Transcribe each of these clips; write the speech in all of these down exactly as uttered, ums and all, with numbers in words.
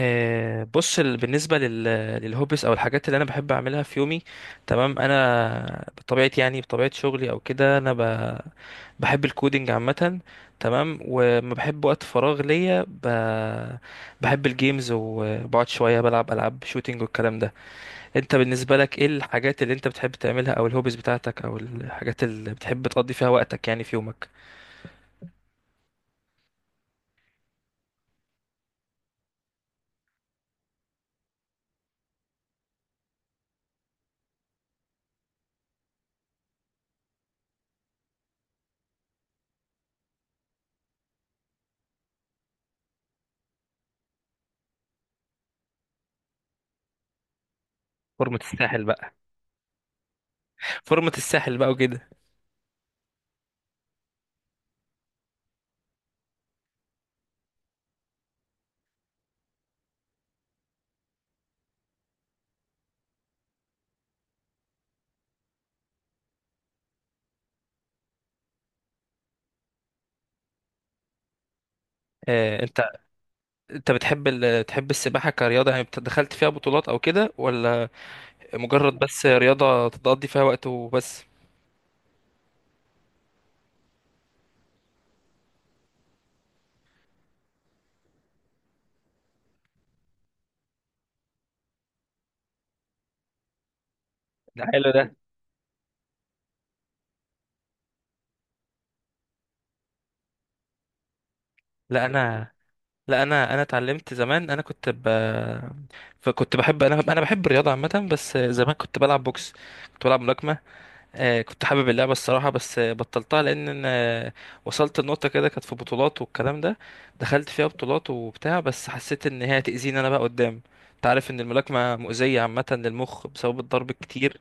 آه، بص ال- بالنسبة لل- للهوبس أو الحاجات اللي أنا بحب أعملها في يومي. تمام، أنا بطبيعتي يعني بطبيعة شغلي أو كده أنا ب- بحب الكودينج عامة. تمام، وما بحب وقت فراغ ليا ب- بحب الجيمز وبقعد شوية بلعب ألعاب شوتينج والكلام ده. أنت بالنسبة لك إيه الحاجات اللي أنت بتحب تعملها أو الهوبس بتاعتك أو الحاجات اللي بتحب تقضي فيها وقتك يعني في يومك؟ فورمة الساحل بقى. فورمة الساحل بقى وكده. آه، انت بتحب ال... تحب السباحة كرياضة يعني بت- دخلت فيها بطولات او كده، ولا مجرد بس رياضة تقضي فيها وقت وبس؟ ده حلو ده. لا انا، لا انا انا اتعلمت زمان، انا كنت ب... فكنت بحب، انا انا بحب الرياضة عامة، بس زمان كنت بلعب بوكس، كنت بلعب ملاكمة. آه، كنت حابب اللعبة الصراحة، بس آه، بطلتها لأن أنا، آه، وصلت لنقطة كده، كانت في بطولات والكلام ده، دخلت فيها بطولات وبتاع، بس حسيت إن هي هتأذيني أنا بقى قدام. أنت عارف إن الملاكمة مؤذية عامة للمخ بسبب الضرب الكتير.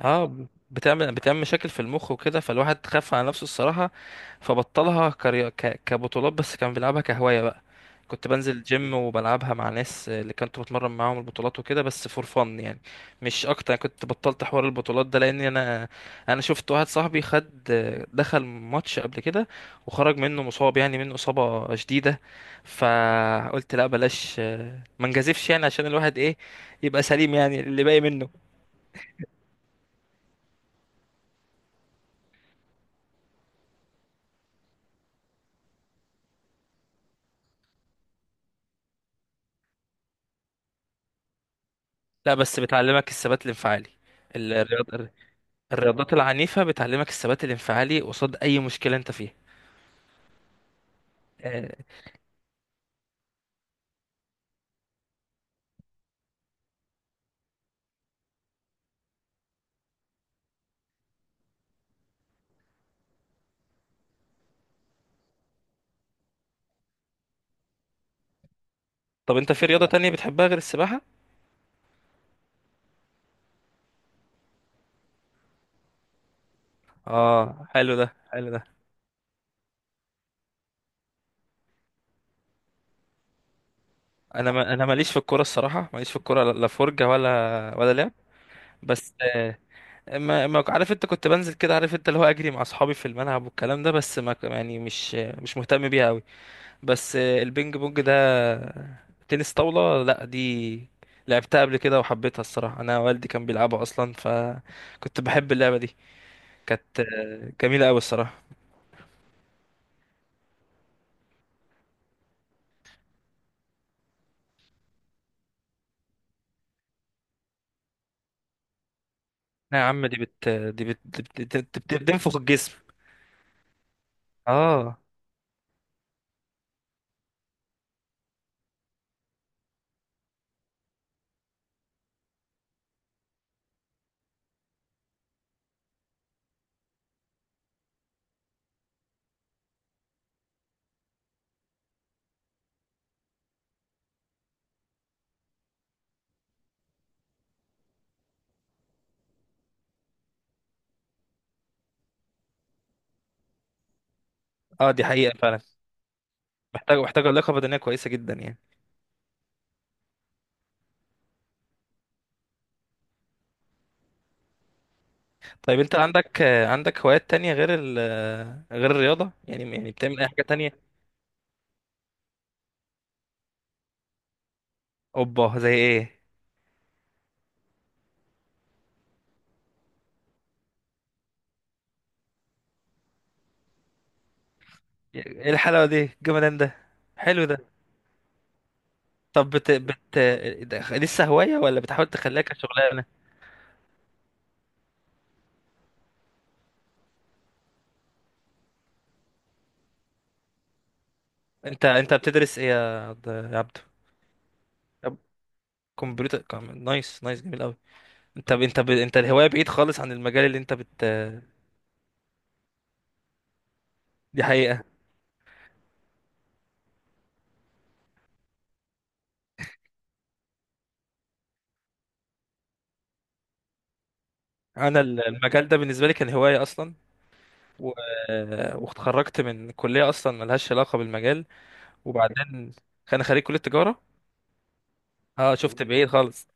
اه، بتعمل بتعمل مشاكل في المخ وكده، فالواحد خاف على نفسه الصراحة. فبطلها كري... ك... كبطولات، بس كان بيلعبها كهواية بقى. كنت بنزل جيم وبلعبها مع ناس اللي كنت بتمرن معاهم البطولات وكده، بس فور فن يعني، مش اكتر. كنت بطلت حوار البطولات ده لان انا، انا شفت واحد صاحبي خد، دخل ماتش قبل كده وخرج منه مصاب، يعني منه اصابة شديدة. فقلت لا بلاش، ما نجازفش يعني، عشان الواحد ايه، يبقى سليم يعني اللي باقي منه. لا بس بتعلمك الثبات الانفعالي. الرياض... الرياضات العنيفة بتعلمك الثبات الانفعالي قصاد أي مشكلة أنت فيها. آه، طب أنت في رياضة تانية بتحبها غير السباحة؟ آه حلو ده، حلو ده. أنا ما... أنا ماليش في الكورة الصراحة، ماليش في الكورة، لا لا، فرجة ولا ولا لعب. بس آه، ما... ما عارف، أنت كنت بنزل كده، عارف، أنت اللي هو أجري مع أصحابي في الملعب والكلام ده، بس ما يعني مش مش مهتم بيها أوي. بس البينج بونج ده، تنس طاولة، لا دي لعبتها قبل كده وحبيتها الصراحة، انا والدي كان بيلعبها اصلا فكنت بحب اللعبة دي. كانت جميلة قوي الصراحة. لا يا عم، دي بت دي بت دي بت... دي بت... بت... بتنفخ الجسم. اه. اه دي حقيقة فعلا. محتاج محتاجة لياقة بدنية كويسة جدا يعني. طيب انت عندك عندك هوايات تانية غير ال غير الرياضة، يعني يعني بتعمل اي حاجة تانية؟ اوبا، زي ايه؟ ايه الحلاوة دي، الجمدان ده؟ حلو ده. طب بت... بت... ده لسه هواية ولا بتحاول تخليها كشغلانة؟ انت انت بتدرس ايه يا عبد، يا عبدو؟ طب كمبيوتر، كم- نايس نايس، جميل قوي. انت ب... انت ب... انت الهواية بعيد خالص عن المجال اللي انت بت دي حقيقة. انا ال- المجال ده بالنسبة لي كان هواية اصلا، و... واتخرجت من كلية اصلا ملهاش علاقة بالمجال. وبعدين انا خريج كلية تجارة. اه شفت، بعيد خالص.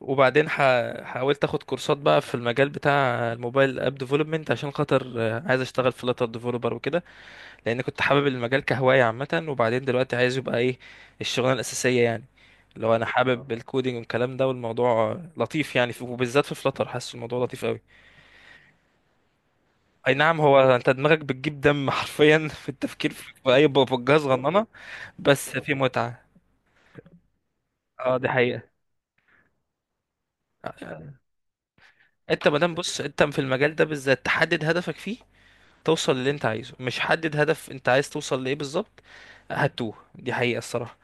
وبعدين ح... حاولت اخد كورسات بقى في المجال بتاع الموبايل اب ديفلوبمنت، عشان خاطر آه، عايز اشتغل فلاتر ديفلوبر وكده، لان كنت حابب المجال كهوايه عامه، وبعدين دلوقتي عايز يبقى ايه، الشغلانه الاساسيه يعني. لو انا حابب الكودينج والكلام ده، والموضوع لطيف يعني في- وبالذات في فلاتر حاسس الموضوع لطيف قوي. اي نعم، هو انت دماغك بتجيب دم حرفيا في التفكير في اي ببجاز صغننه. بس في متعه. اه دي حقيقه. انت مادام، بص، انت في المجال ده بالذات تحدد هدفك فيه، توصل للي انت عايزه، مش حدد هدف انت عايز توصل لايه بالظبط، هتوه، دي حقيقه الصراحه.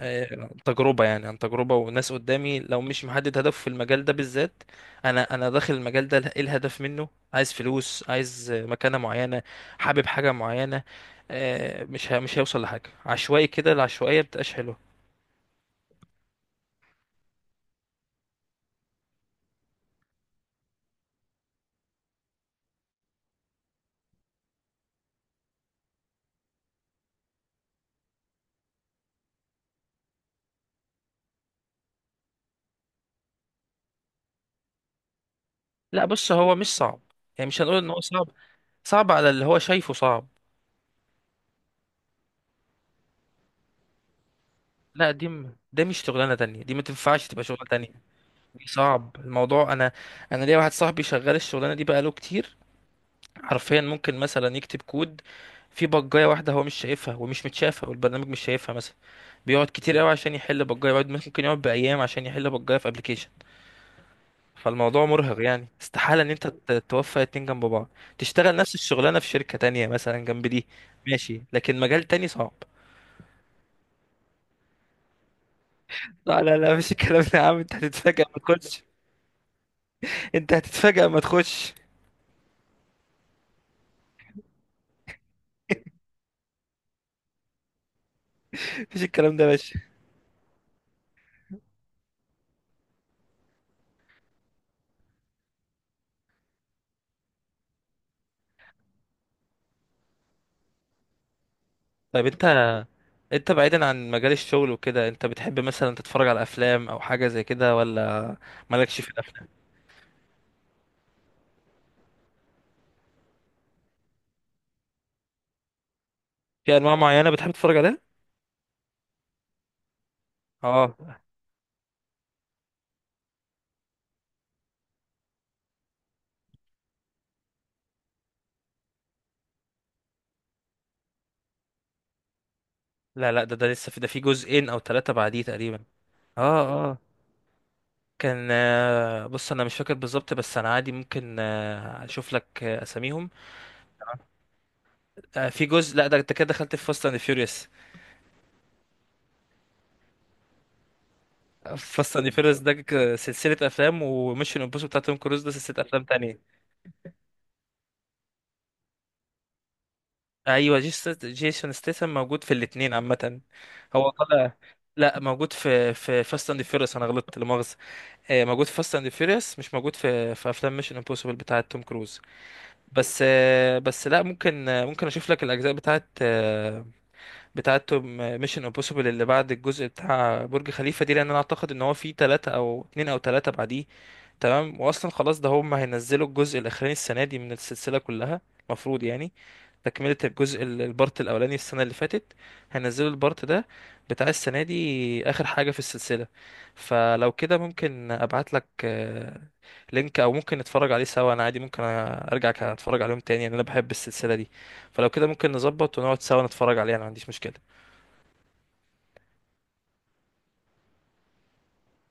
آه، تجربة يعني، عن تجربة وناس قدامي، لو مش محدد هدف في المجال ده بالذات، انا انا داخل المجال ده ايه الهدف منه، عايز فلوس، عايز آه، مكانة معينة، حابب حاجة معينة، آه، مش ه- مش هيوصل لحاجة، عشوائي كده العشوائية بتبقاش حلوة. لا بص هو مش صعب، يعني مش هنقول ان هو صعب، صعب على اللي هو شايفه صعب. لا دي م- ده مش شغلانة تانية، دي ما تنفعش تبقى شغلانة تانية. دي صعب الموضوع. انا، انا ليا واحد صاحبي شغال الشغلانة دي بقاله كتير، حرفيا ممكن مثلا يكتب كود في بجاية واحدة هو مش شايفها ومش متشافة، والبرنامج مش شايفها مثلا، بيقعد كتير قوي عشان يحل بجاية، بيقعد ممكن يقعد بأيام عشان يحل بجاية في ابلكيشن. فالموضوع مرهق يعني، استحالة ان انت ت- توفق اتنين جنب بعض، تشتغل نفس الشغلانة في شركة تانية مثلا جنب دي، ماشي، لكن مجال تاني صعب. لا لا لا، مفيش الكلام ده يا عم، انت هتتفاجئ ما تخش. انت هتتفاجئ ما تخش، مفيش الكلام ده يا باشا. طيب انت، انت بعيدا عن مجال الشغل وكده، انت بتحب مثلا تتفرج على افلام او حاجه زي كده، ولا مالكش في الافلام؟ في انواع معينه بتحب تتفرج عليها؟ اه. لا لا، ده ده لسه في ده في جزئين او ثلاثه بعديه تقريبا. اه. اه كان، آه، بص انا مش فاكر بالظبط، بس انا عادي ممكن آه، اشوف لك آه، اساميهم. آه، في جزء، لا ده انت كده دخلت في فاست اند فيوريوس. فاست اند فيوريوس ده ك- سلسله افلام، وميشن امبوسيبل بتاعت توم كروز ده سلسله افلام تانية. ايوه، جيس- جيسون ستيسن موجود في الاثنين عامه. هو طلع، لا موجود في في فاست اند فيوريوس، انا غلطت لا مؤاخذه. آه، موجود في فاست اند فيوريوس مش موجود في في افلام ميشن امبوسيبل بتاعه توم كروز. بس آه، بس لا، ممكن، آه، ممكن اشوف لك الاجزاء بتاعه، آه، بتاعتهم، ميشن امبوسيبل اللي بعد الجزء بتاع برج خليفة دي، لان انا اعتقد ان هو في تلاتة او اتنين او تلاتة بعديه. تمام، واصلا خلاص ده هم هينزلوا الجزء الاخراني السنة دي من السلسلة كلها المفروض يعني، تكملة الجزء ال- البارت الاولاني السنة اللي فاتت، هينزلوا البارت ده بتاع السنة دي اخر حاجة في السلسلة. فلو كده ممكن ابعت لك آه، لينك، او ممكن نتفرج عليه سوا، انا عادي ممكن ارجع اتفرج عليهم تاني يعني، انا بحب السلسلة دي. فلو كده ممكن نظبط ونقعد سوا نتفرج عليه، انا ما عنديش مشكلة.